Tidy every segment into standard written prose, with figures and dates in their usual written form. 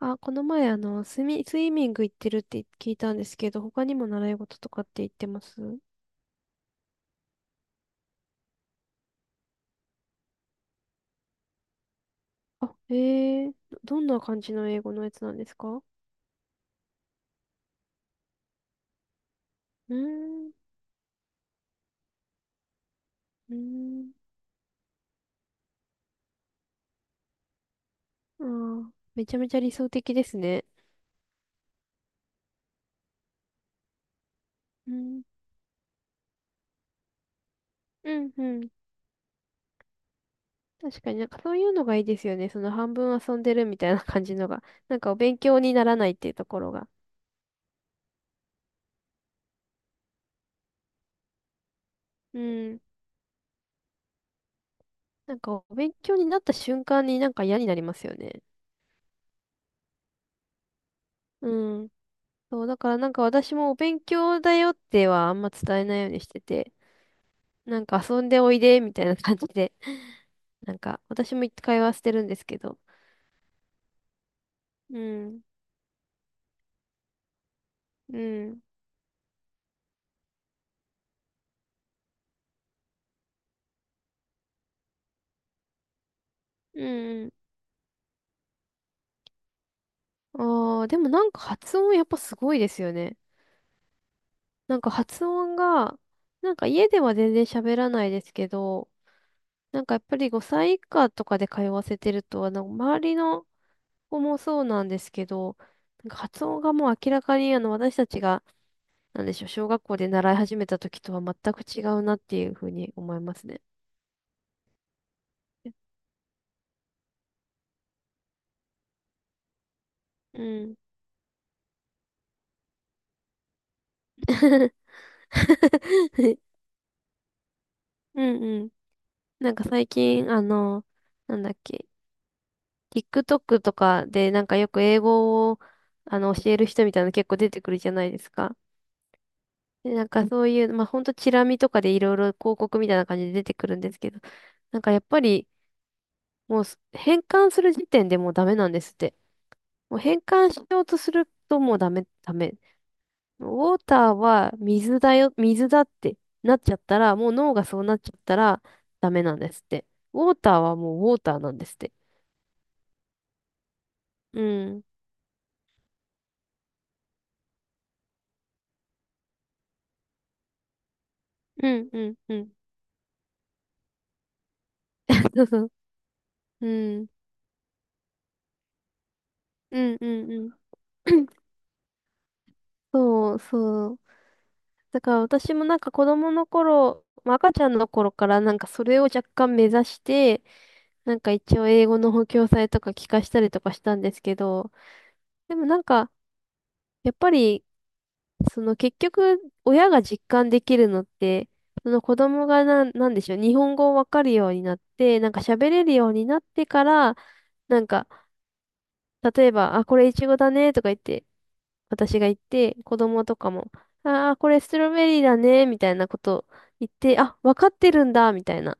あ、この前、スイミング行ってるって聞いたんですけど、他にも習い事とかって言ってます？あ、んな感じの英語のやつなんですか？うーん、うーん、あー、めちゃめちゃ理想的ですね。うん、うん、うん。確かになんかそういうのがいいですよね。その半分遊んでるみたいな感じのが。なんかお勉強にならないっていうところが。うん。なんかお勉強になった瞬間になんか嫌になりますよね。うん。そう、だからなんか私もお勉強だよってはあんま伝えないようにしてて、なんか遊んでおいでみたいな感じで、なんか私も一回はしてるんですけど、うん、うん、うん。ああ、でもなんか発音やっぱすごいですよね。なんか発音が、なんか家では全然喋らないですけど、なんかやっぱり5歳以下とかで通わせてると、周りの子もそうなんですけど、なんか発音がもう明らかに私たちが、なんでしょう、小学校で習い始めた時とは全く違うなっていうふうに思いますね。うん。うんうん。なんか最近、なんだっけ、TikTok とかでなんかよく英語を教える人みたいなの結構出てくるじゃないですか。で、なんかそういう、まあほんとチラ見とかでいろいろ広告みたいな感じで出てくるんですけど、なんかやっぱり、もうす変換する時点でもうダメなんですって。もう変換しようとするともうダメ、ダメ。ウォーターは水だよ、水だってなっちゃったら、もう脳がそうなっちゃったらダメなんですって。ウォーターはもうウォーターなんですって。うん。うん、うん、うん。そうそう。うん。うん、うん、うん。そう、そう。だから私もなんか子供の頃、まあ赤ちゃんの頃からなんかそれを若干目指して、なんか一応英語の補強剤とか聞かしたりとかしたんですけど、でもなんか、やっぱりその結局、親が実感できるのって、その子供が、んでしょう、日本語をわかるようになって、なんか喋れるようになってから、なんか、例えば、あ、これイチゴだね、とか言って、私が言って、子供とかも、あー、これストロベリーだね、みたいなこと言って、あ、わかってるんだ、みたいな。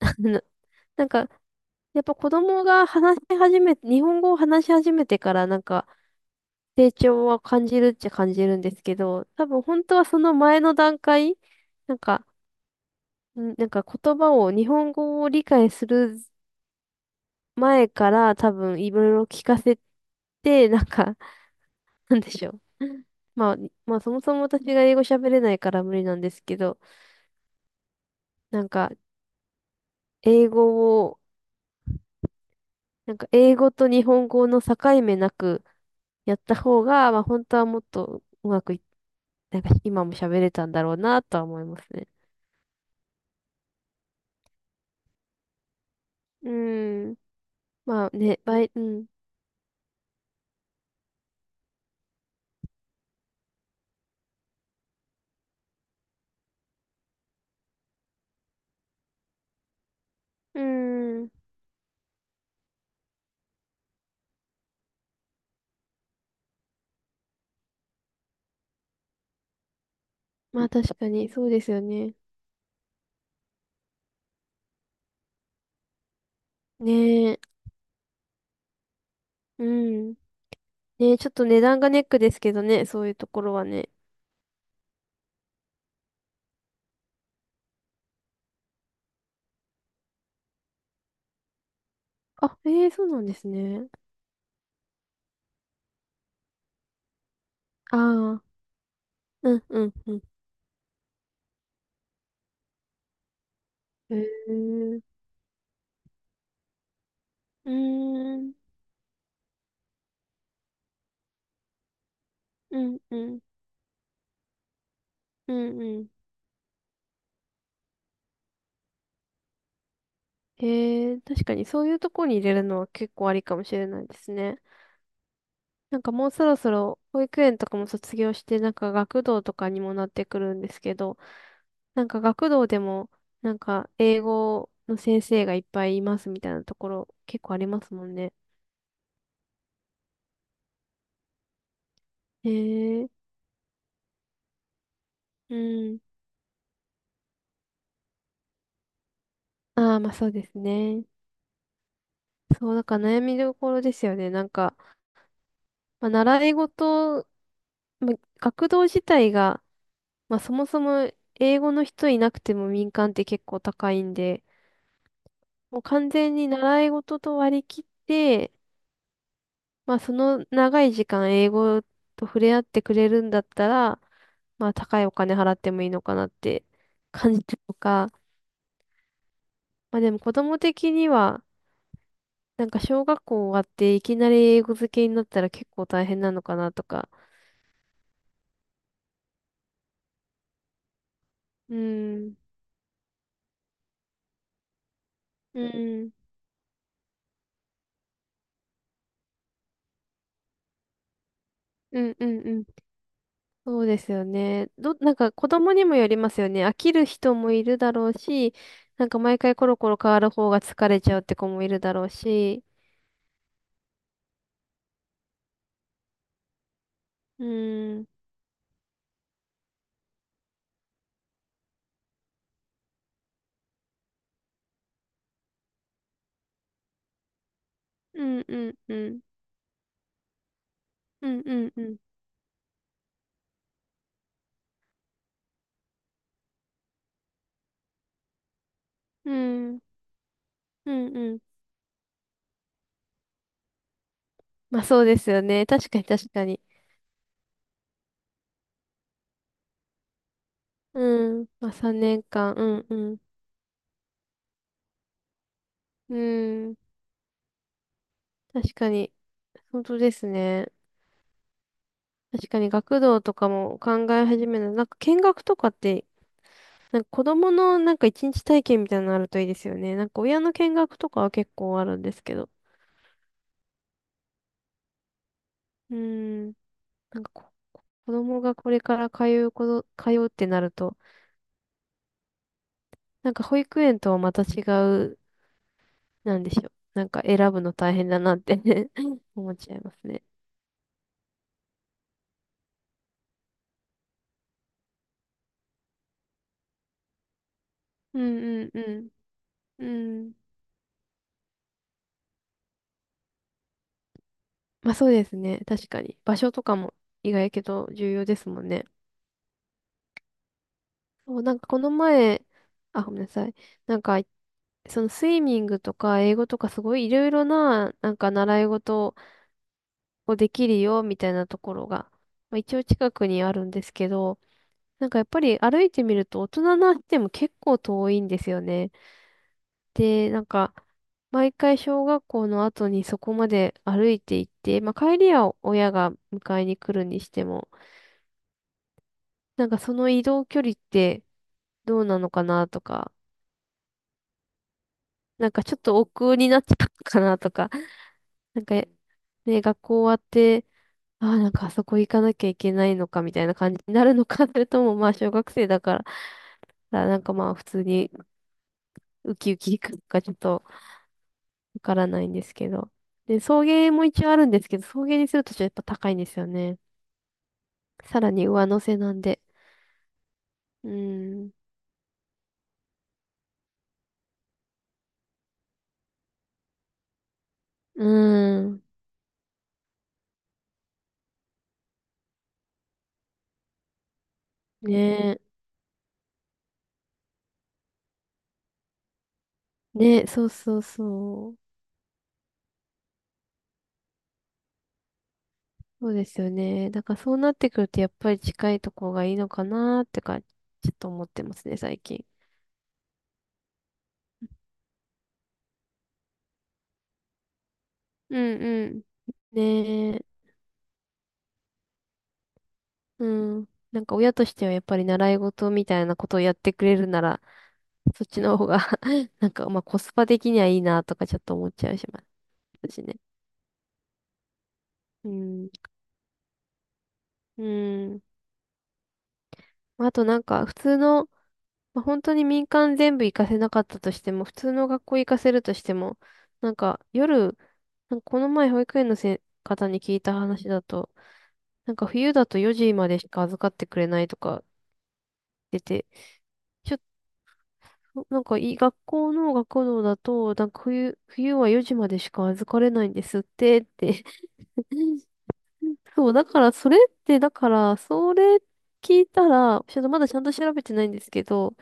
なんか、やっぱ子供が、話し始め、日本語を話し始めてから、なんか、成長は感じるっちゃ感じるんですけど、多分本当はその前の段階、なんか、なんか言葉を、日本語を理解する前から多分いろいろ聞かせて、なんか、なんでしょう。まあ、まあそもそも私が英語喋れないから無理なんですけど、なんか英語を、なんか英語と日本語の境目なくやった方が、まあ本当はもっとうまくい、なんか今も喋れたんだろうなとは思いますね。うーん。まあね、うん。うーん。まあ確かに、そうですよね。ねえ、うん。ねえ、ちょっと値段がネックですけどね、そういうところはね。あ、ええ、そうなんですね。ああ、うん、うん、うん。へえ、うーん、うん、うん、うん、うん。へえ、確かにそういうところに入れるのは結構ありかもしれないですね。なんかもうそろそろ保育園とかも卒業して、なんか学童とかにもなってくるんですけど、なんか学童でも、なんか英語の先生がいっぱいいますみたいなところ結構ありますもんね。へえ、うん。ああ、まあそうですね。そう、だから悩みどころですよね。なんか、まあ、習い事、まあ、学童自体が、まあそもそも英語の人いなくても民間って結構高いんで、もう完全に習い事と割り切って、まあ、その長い時間英語と触れ合ってくれるんだったら、まあ、高いお金払ってもいいのかなって感じたとか、まあ、でも子供的には、なんか小学校終わっていきなり英語漬けになったら結構大変なのかなとか。うん。うん。うんうんうん。そうですよね。なんか子供にもよりますよね。飽きる人もいるだろうし、なんか毎回コロコロ変わる方が疲れちゃうって子もいるだろうし。うん。うんうんうん。うんうんうん。うん。うんうん。まあそうですよね。確かに確かに。うん。まあ3年間。うんうん。うん。確かに。本当ですね。確かに学童とかも考え始める。なんか見学とかって、なんか子供のなんか一日体験みたいなのあるといいですよね。なんか親の見学とかは結構あるんですけど。うん。なんかこ子供がこれから、通うってなると、なんか保育園とはまた違う、なんでしょう。なんか選ぶの大変だなって 思っちゃいますね。うんうんうん。うん。まあそうですね。確かに。場所とかも意外やけど重要ですもんね。そう、なんかこの前、あ、ごめんなさい。なんか、そのスイミングとか英語とかすごいいろいろな、なんか習い事をできるよみたいなところが、まあ、一応近くにあるんですけど、なんかやっぱり歩いてみると大人な人でも結構遠いんですよね。で、なんか、毎回小学校の後にそこまで歩いて行って、まあ帰りは親が迎えに来るにしても、なんかその移動距離ってどうなのかなとか、なんかちょっと億劫になっちゃうのかなとか、なんかね、学校終わって、ああ、なんかあそこ行かなきゃいけないのかみたいな感じになるのか、それともまあ小学生だから、なんかまあ普通にウキウキ行くのか、ちょっとわからないんですけど。で、送迎も一応あるんですけど、送迎にするとちょっとやっぱ高いんですよね。さらに上乗せなんで。うーん。うーん。ねえ。ねえ、そうそうそう。そうですよね。だからそうなってくるとやっぱり近いとこがいいのかなってか、ちょっと思ってますね、最近。うんうん。ねえ。うん。なんか親としてはやっぱり習い事みたいなことをやってくれるなら、そっちの方が なんかまあコスパ的にはいいなとかちょっと思っちゃうします。ったしね。うん。うん。あとなんか、普通の、まあ、本当に民間全部行かせなかったとしても、普通の学校行かせるとしても、なんか夜、なんかこの前保育園のせ方に聞いた話だと、なんか冬だと4時までしか預かってくれないとか出て、ちょっと、なんかいい学校の学童だと、冬は4時までしか預かれないんですってって そう、だから、それ聞いたら、ちょっとまだちゃんと調べてないんですけど、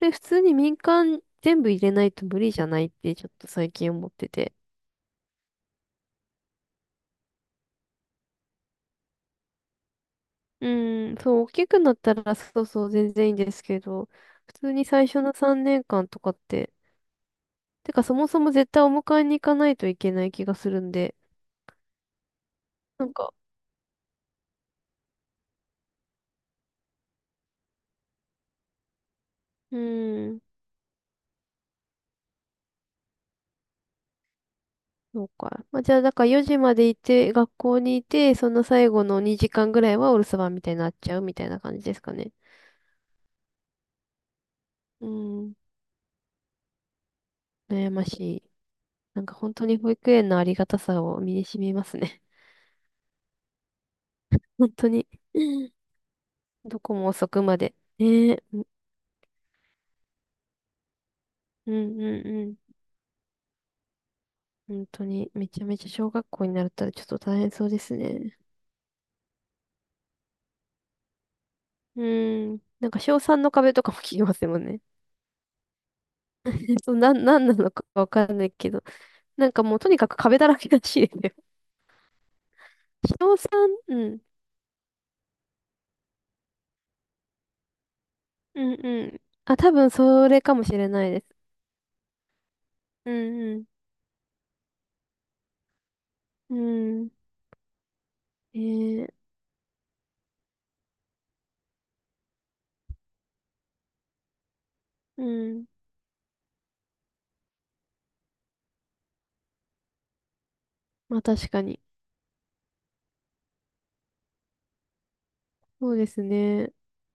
で、普通に民間全部入れないと無理じゃないって、ちょっと最近思ってて。うん、そう、大きくなったら、そうそう、全然いいんですけど、普通に最初の3年間とかって、てか、そもそも絶対お迎えに行かないといけない気がするんで、なんか、うーん、そうか。まあ、じゃあ、だから4時までいて、学校にいて、その最後の2時間ぐらいはお留守番みたいになっちゃうみたいな感じですかね。うん、悩ましい。なんか本当に保育園のありがたさを身に染みますね。本当に。どこも遅くまで。ねえ、うんうんうんうん。本当に、めちゃめちゃ小学校になったらちょっと大変そうですね。うん。なんか小3の壁とかも 聞きますもんね。そう、なんなのかわかんないけど。なんかもうとにかく壁だらけらしいですよ。小 3？ うん。うんうん。あ、多分それかもしれないです。うんうん。うん。えー、うん。まあ確かに。そうですね。